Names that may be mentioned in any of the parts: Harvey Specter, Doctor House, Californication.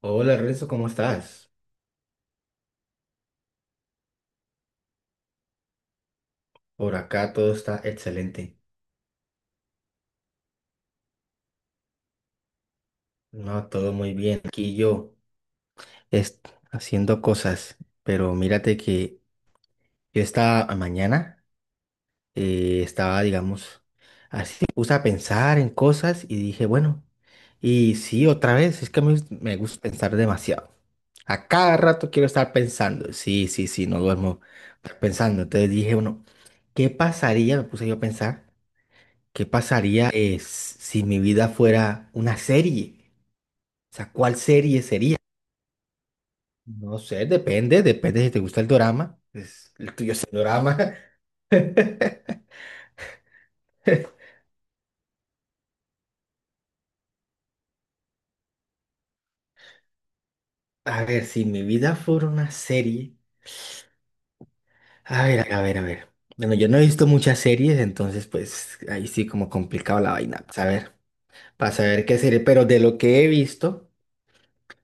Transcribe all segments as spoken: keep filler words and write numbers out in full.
Hola Renzo, ¿cómo estás? Por acá todo está excelente. No, todo muy bien. Aquí yo est- haciendo cosas, pero mírate que yo esta mañana eh, estaba, digamos, me puse a pensar en cosas y dije, bueno, y sí, otra vez, es que me, me gusta pensar demasiado. A cada rato quiero estar pensando. Sí, sí, sí, no duermo pensando. Entonces dije, bueno, ¿qué pasaría? Me puse yo a pensar. ¿Qué pasaría es, si mi vida fuera una serie? O sea, ¿cuál serie sería? No sé, depende, depende si te gusta el dorama. Pues, el tuyo es el dorama. A ver, si mi vida fuera una serie. A ver, a ver, a ver. Bueno, yo no he visto muchas series, entonces pues ahí sí como complicado la vaina. Pues, a ver, para saber qué serie, pero de lo que he visto,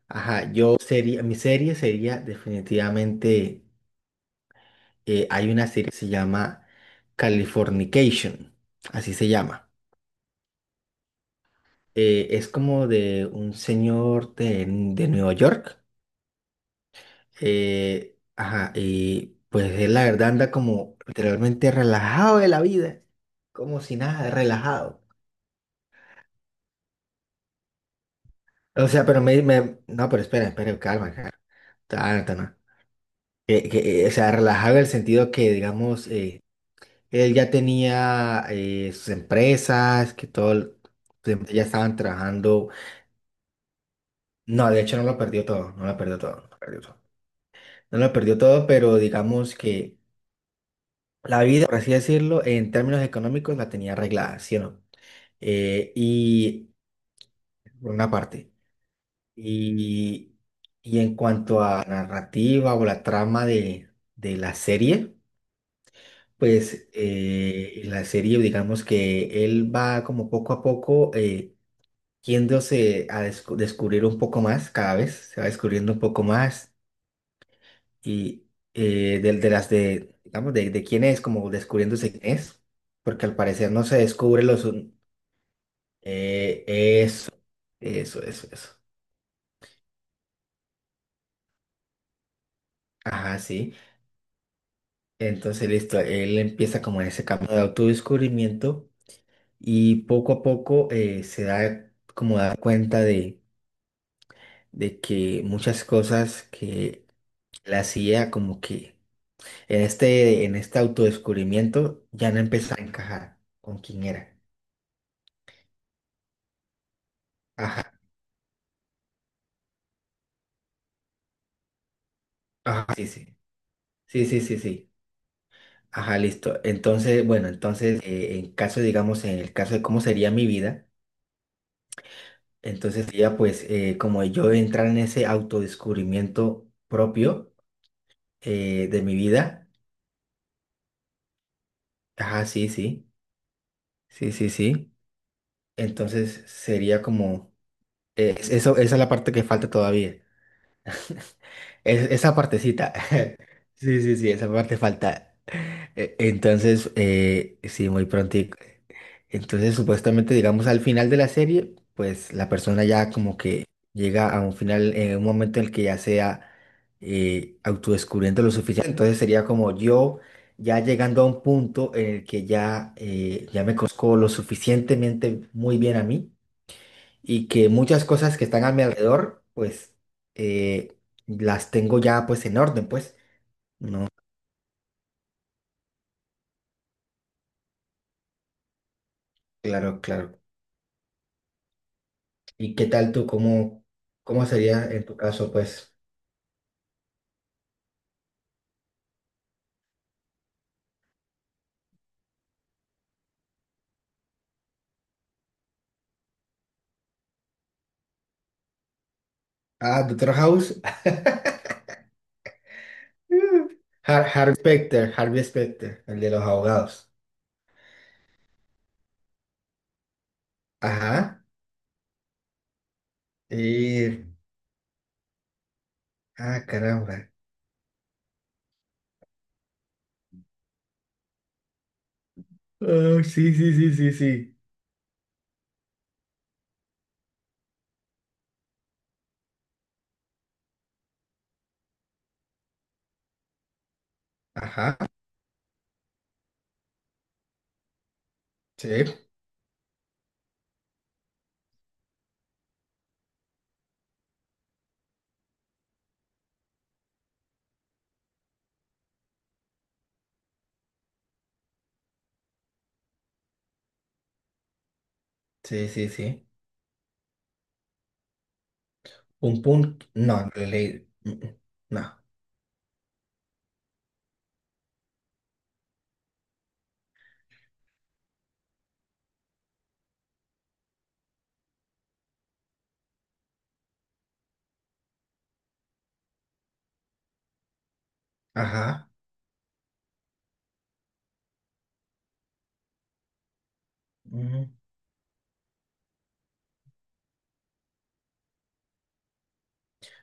ajá, yo sería, mi serie sería definitivamente. Eh, hay una serie que se llama Californication, así se llama. Eh, es como de un señor de, de Nueva York. Eh, ajá, y pues él la verdad anda como literalmente relajado de la vida, como si nada, relajado. O sea, pero me, me- no, pero espera, espera, calma, calma. Ah, no, no. Que- que, eh, o sea, relajado en el sentido que, digamos, eh, él ya tenía eh, sus empresas, que todo, el- pues, ya estaban trabajando. No, de hecho no lo perdió todo, no lo perdió todo, no lo perdió todo. No lo perdió todo, pero digamos que la vida, por así decirlo, en términos económicos la tenía arreglada, ¿sí o no? Eh, y por una parte. Y, y en cuanto a la narrativa o la trama de, de la serie, pues eh, en la serie, digamos que él va como poco a poco eh, yéndose a descu- descubrir un poco más cada vez, se va descubriendo un poco más y eh, del- de, las de, digamos, de, de quién es, como descubriéndose quién es, porque al parecer no se descubre los... eh, eso, eso, eso, eso. Ajá, sí. Entonces, listo, él empieza como en ese camino de autodescubrimiento y poco a poco eh, se da como da cuenta de, de que muchas cosas que él hacía como que en este, en este autodescubrimiento ya no empezaba a encajar con quién era. Ajá, ajá, sí, sí. Sí, sí, sí, sí. Ajá, listo. Entonces, bueno, entonces, eh, en caso, digamos, en el caso de cómo sería mi vida, entonces sería pues eh, como yo entrar en ese autodescubrimiento propio eh, de mi vida. Ajá, sí, sí, sí, sí, sí. Entonces sería como, eh, eso, esa es la parte que falta todavía. Es- esa partecita. Sí, sí, sí, esa parte falta. E- Entonces, eh, sí, muy prontico. Entonces, supuestamente, digamos, al final de la serie, pues la persona ya como que llega a un final, en un momento en el que ya sea eh, autodescubriendo lo suficiente. Entonces sería como yo ya llegando a un punto en el que ya, eh, ya me conozco lo suficientemente muy bien a mí y que muchas cosas que están a mi alrededor, pues eh, las tengo ya pues en orden, pues. Claro, claro. ¿Y qué tal tú? ¿Cómo, cómo sería en tu caso, pues? Ah, Doctor House. Har- Harvey Specter, Harvey Specter, el de los abogados. Ajá. Y... Ah, caramba. Oh, sí, sí, sí, sí, sí. Ajá. Sí, sí, sí, sí. Un punto. No, le leí. Mm, mm, no. Ajá.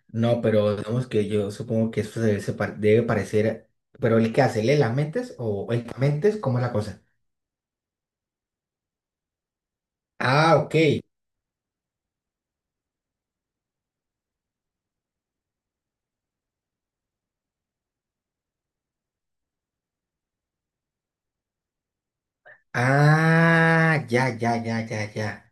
No, pero digamos que yo supongo que eso se debe, separ- debe parecer. Pero el que hace, ¿lee las mentes o el que mentes? ¿Cómo es la cosa? Ah, ok. Ah, ya, ya, ya, ya, ya.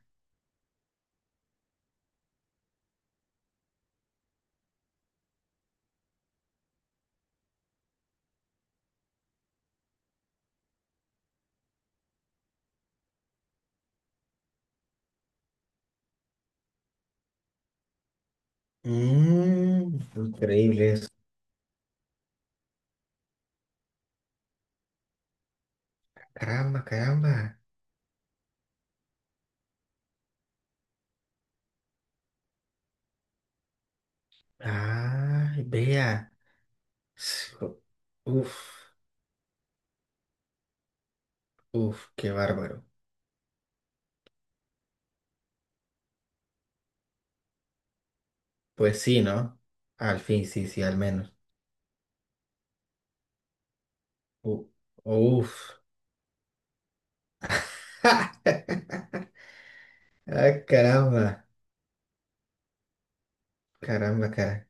Mmm, increíble eso. Caramba, caramba. Ay, vea. S- Uf, uf, qué bárbaro. Pues sí, ¿no? Al fin, sí, sí, al menos. U- Uf. Ah, caramba, caramba, caramba.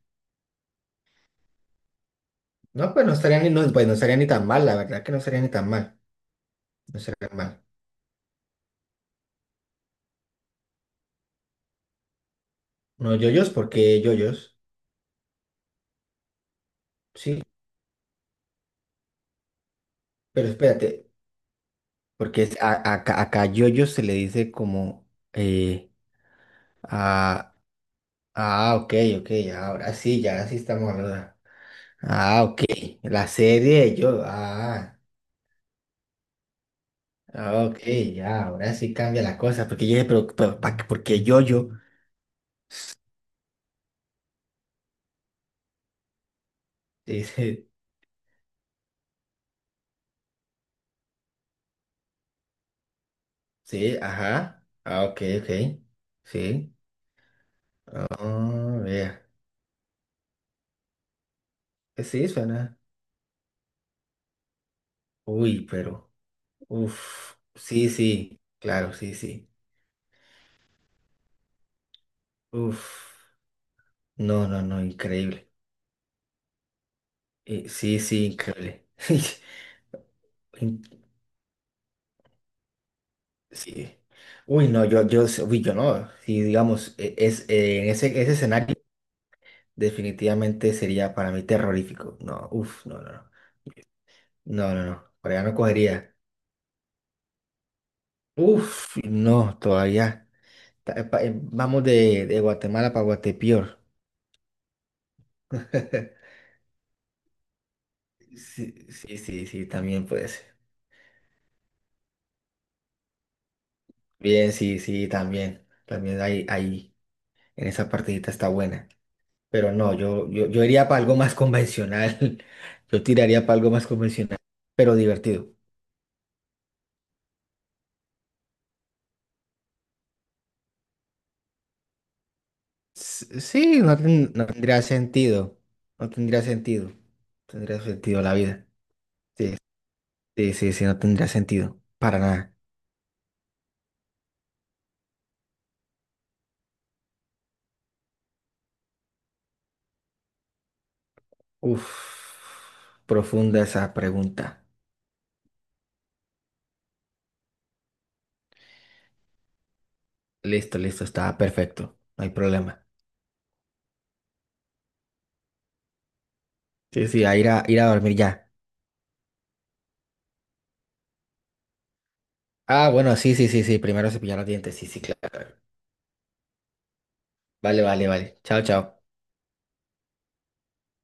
No, pues no estaría ni, no, pues no estaría ni tan mal, la verdad que no estaría ni tan mal. No estaría mal. No, yoyos, porque yoyos, sí, pero espérate, porque es- a- a- acá, acá yoyos se le dice como eh, ah, ah, ok, ok, ahora sí, ya sí estamos hablando. Ah, ok. La serie de yo, ah, ah, ok, ya, ahora sí cambia la cosa. Porque yo dije, pero, pero ¿pa qué? ¿Por qué yoyo? Dice, sí, ajá. Ah, ok, ok. Sí. Ah, vea. Pues sí, suena. Uy, pero, uff, sí, sí, claro, sí, sí, uff, no, no, no, increíble. Eh, sí, sí, increíble. In- sí, uy, no, yo, yo, sé- uy, yo no, si digamos, e- es, eh, en ese, ese escenario, definitivamente sería para mí terrorífico, no, uff, no, no, no, no, no, no, por allá no cogería, uff, no, todavía, Ta- pa- eh, vamos de, de Guatemala para Guatepeor. Sí, sí, sí, sí, también puede ser. Bien, sí, sí, también. También ahí, ahí en esa partidita está buena. Pero no, yo, yo, yo iría para algo más convencional. Yo tiraría para algo más convencional, pero divertido. S- Sí, no, ten- no tendría sentido. No tendría sentido. Tendría sentido la vida. Sí, sí, sí, sí, no tendría sentido. Para nada. Uf, profunda esa pregunta. Listo, listo, está perfecto. No hay problema. Sí, sí, a ir a, ir a dormir ya. Ah, bueno, sí, sí, sí, sí. Primero cepillar los dientes. Sí, sí, claro. Vale, vale, vale. Chao, chao.